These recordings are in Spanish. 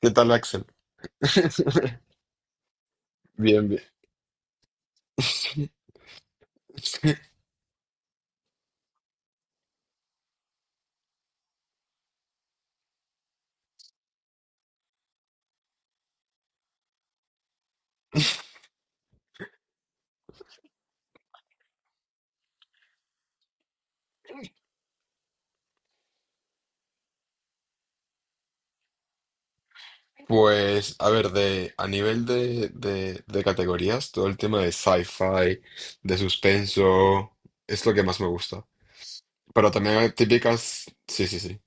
¿Qué tal, Axel? Bien, bien. Pues, a ver, a nivel de categorías, todo el tema de sci-fi, de suspenso, es lo que más me gusta. Pero también hay típicas, sí, sí, sí.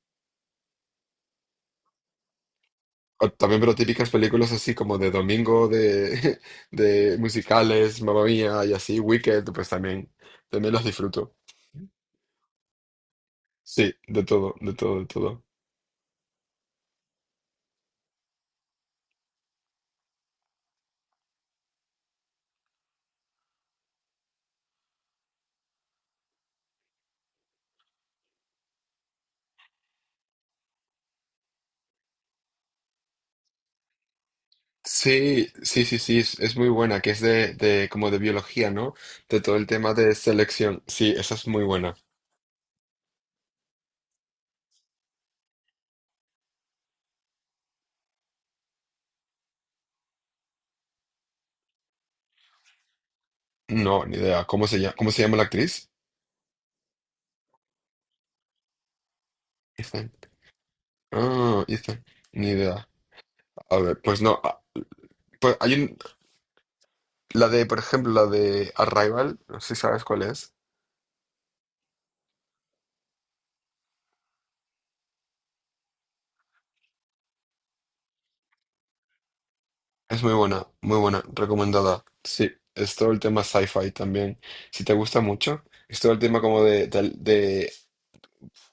O también, pero típicas películas así como de domingo, de, de musicales, Mamma Mía y así, Wicked, pues también, también las disfruto. Sí, de todo, de todo, de todo. Sí, sí, sí, sí, es muy buena, que es de como de biología, ¿no? De todo el tema de selección. Sí, esa es muy buena. No, ni idea. ¿Cómo se llama? ¿Cómo se llama la actriz? Ethan. Ah, Ethan. Ni idea. A ver, pues no. Pues la de, por ejemplo, la de Arrival, no sé si sabes cuál es. Es muy buena, recomendada. Sí, es todo el tema sci-fi también. Si te gusta mucho, es todo el tema como de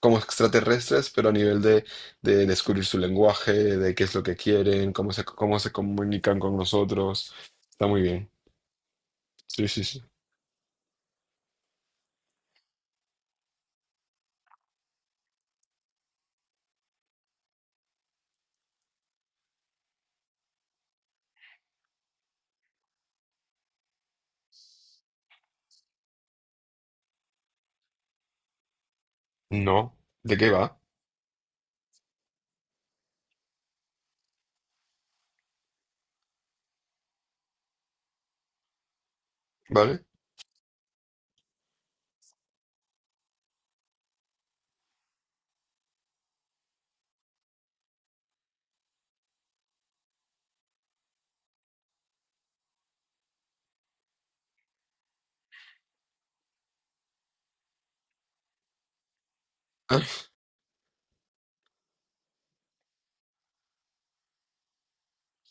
como extraterrestres, pero a nivel de descubrir su lenguaje, de qué es lo que quieren, cómo se comunican con nosotros. Está muy bien. Sí, sí, sí. No. ¿De qué va? ¿Vale?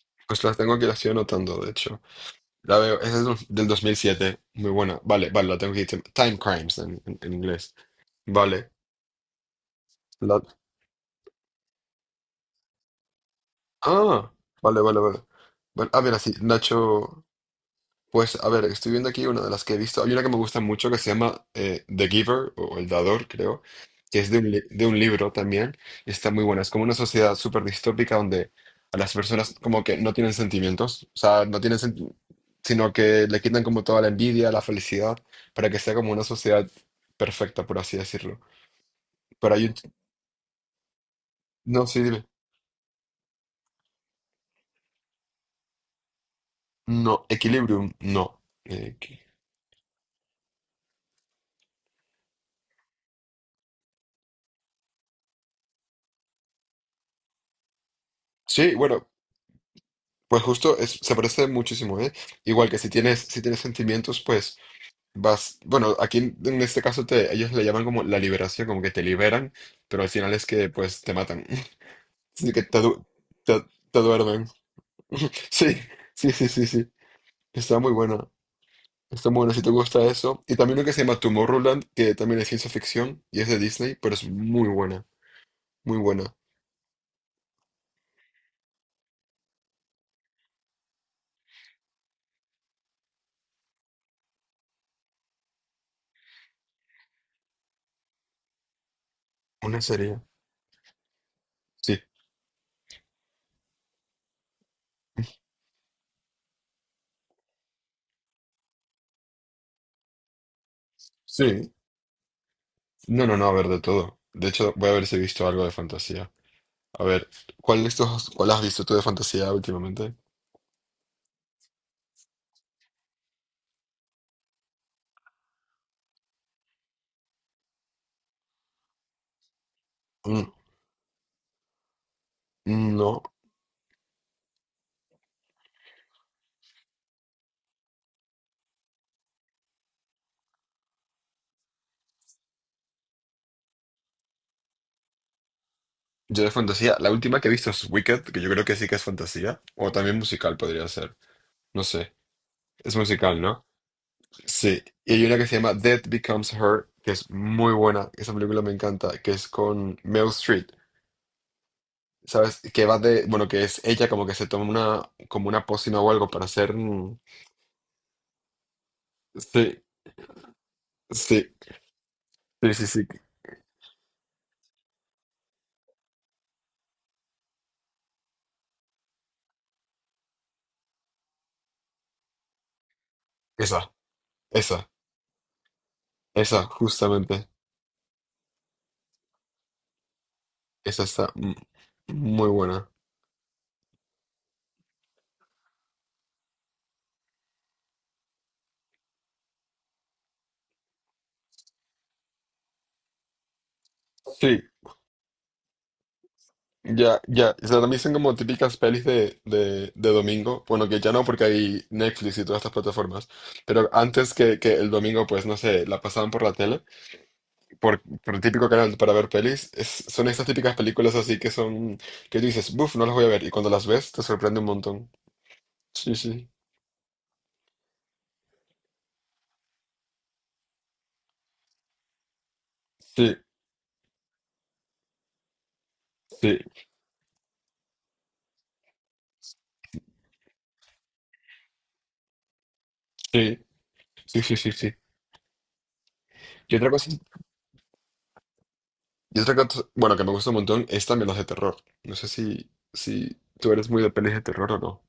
Ah, pues las tengo aquí, las estoy anotando, de hecho. La veo, esa es del 2007. Muy buena. Vale, vale, la tengo aquí. Time Crimes en, en inglés. Vale. La- Ah, vale, vale, vale. Bueno, mira, sí, Nacho. Pues, a ver, estoy viendo aquí una de las que he visto. Hay una que me gusta mucho que se llama The Giver o El Dador, creo, que es de un, de un libro también, y está muy buena. Es como una sociedad súper distópica donde a las personas como que no tienen sentimientos, o sea, no tienen sen- sino que le quitan como toda la envidia, la felicidad, para que sea como una sociedad perfecta, por así decirlo. Pero hay un... No, sí, dime. No, Equilibrium, no. Eh, que- sí, bueno, pues justo se parece muchísimo, ¿eh? Igual que si tienes, si tienes sentimientos, pues... Vas, bueno, aquí en este caso te, ellos le llaman como la liberación, como que te liberan, pero al final es que pues te matan. Sí, que te, du- te, te duermen. Sí, sí, sí, sí, sí. Está muy bueno. Está muy bueno si te gusta eso. Y también lo que se llama Tomorrowland, que también es ciencia ficción y es de Disney, pero es muy buena, muy buena. Una serie. Sí, sí. No, no, no, a ver, de todo. De hecho, voy a ver si he visto algo de fantasía. A ver, ¿cuál has visto tú de fantasía últimamente? Mm. No. Yo de fantasía, la última que he visto es Wicked, que yo creo que sí que es fantasía, o también musical podría ser, no sé, es musical, ¿no? Sí, y hay una que se llama Death Becomes Her, que es muy buena, esa película me encanta, que es con Meryl Streep, ¿sabes? Que va de, bueno, que es ella como que se toma una, como una pócima o algo para hacer... mm. Sí, sí, sí, sí, sí, esa, esa, esa, justamente, esa está muy buena. Sí, ya, ya, o sea, también son como típicas pelis de domingo. Bueno, que ya no, porque hay Netflix y todas estas plataformas. Pero antes que el domingo, pues no sé, la pasaban por la tele, por el típico canal para ver pelis. Son estas típicas películas así que son, que tú dices, buf, no las voy a ver. Y cuando las ves, te sorprende un montón. Sí, sí, sí, sí, sí, sí, sí, sí, sí. Y otra cosa, y otra cosa, bueno, que me gusta un montón es también las de terror. No sé si, si tú eres muy de pelis de terror o no.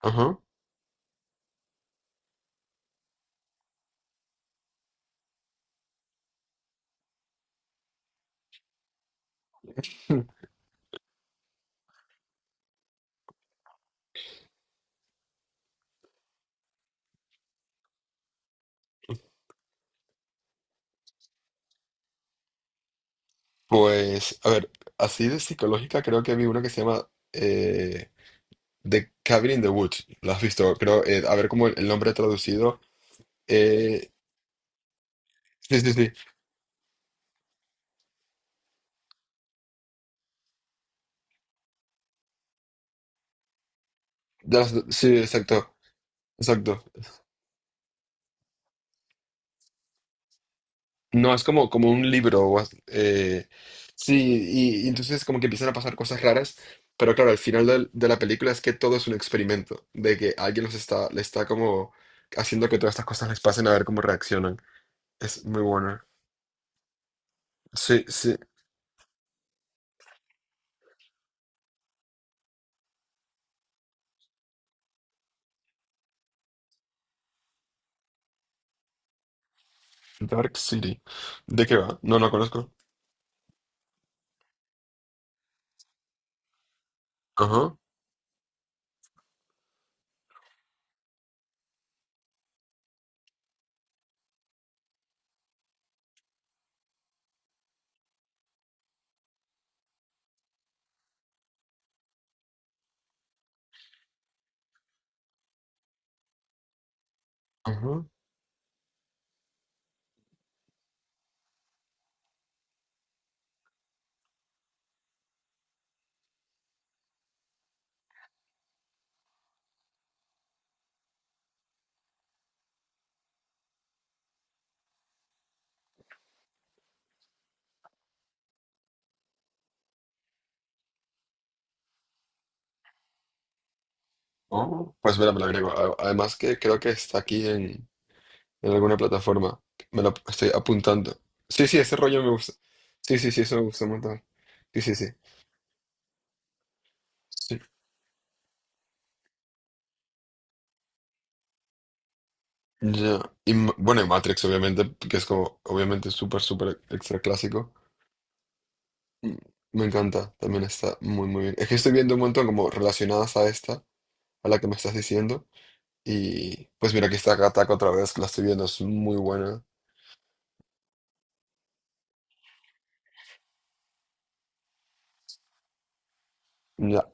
Ajá. Pues, a ver, así de psicológica creo que vi una que se llama The Cabin in the Woods. ¿La has visto? Creo, a ver cómo el nombre traducido. eh, sí, sí, sí. Sí, exacto, exacto. No, es como, como un libro. Sí, y entonces como que empiezan a pasar cosas raras. Pero claro, al final de la película es que todo es un experimento. De que alguien los está, le está como haciendo que todas estas cosas les pasen a ver cómo reaccionan. Es muy bueno. Sí, sí. Dark City. ¿De qué va? No, no conozco. Ajá, ajá. Oh, pues mira, me lo agrego. Además que creo que está aquí en alguna plataforma. Me lo estoy apuntando. Sí, sí, ese rollo me gusta. Sí, sí, sí, eso me gusta un montón. Sí, sí, sí. Sí. Ya. Bueno, y Matrix, obviamente, que es como, obviamente, súper, súper extra clásico. Mm, me encanta, también está muy, muy bien. Es que estoy viendo un montón como relacionadas a esta, a la que me estás diciendo. Y pues mira, aquí está Attack Attack otra vez, la estoy viendo, es muy buena. La-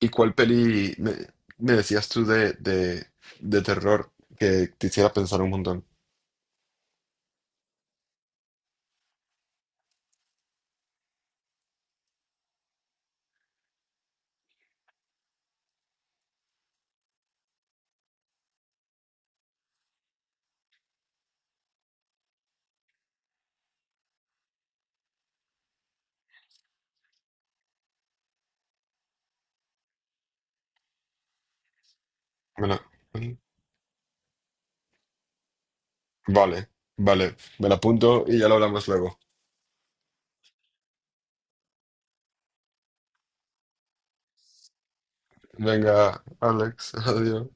¿Y cuál peli me, me decías tú de terror que te hiciera pensar un montón? Me la- vale, vale, me la apunto y ya lo hablamos luego. Venga, Alex, adiós.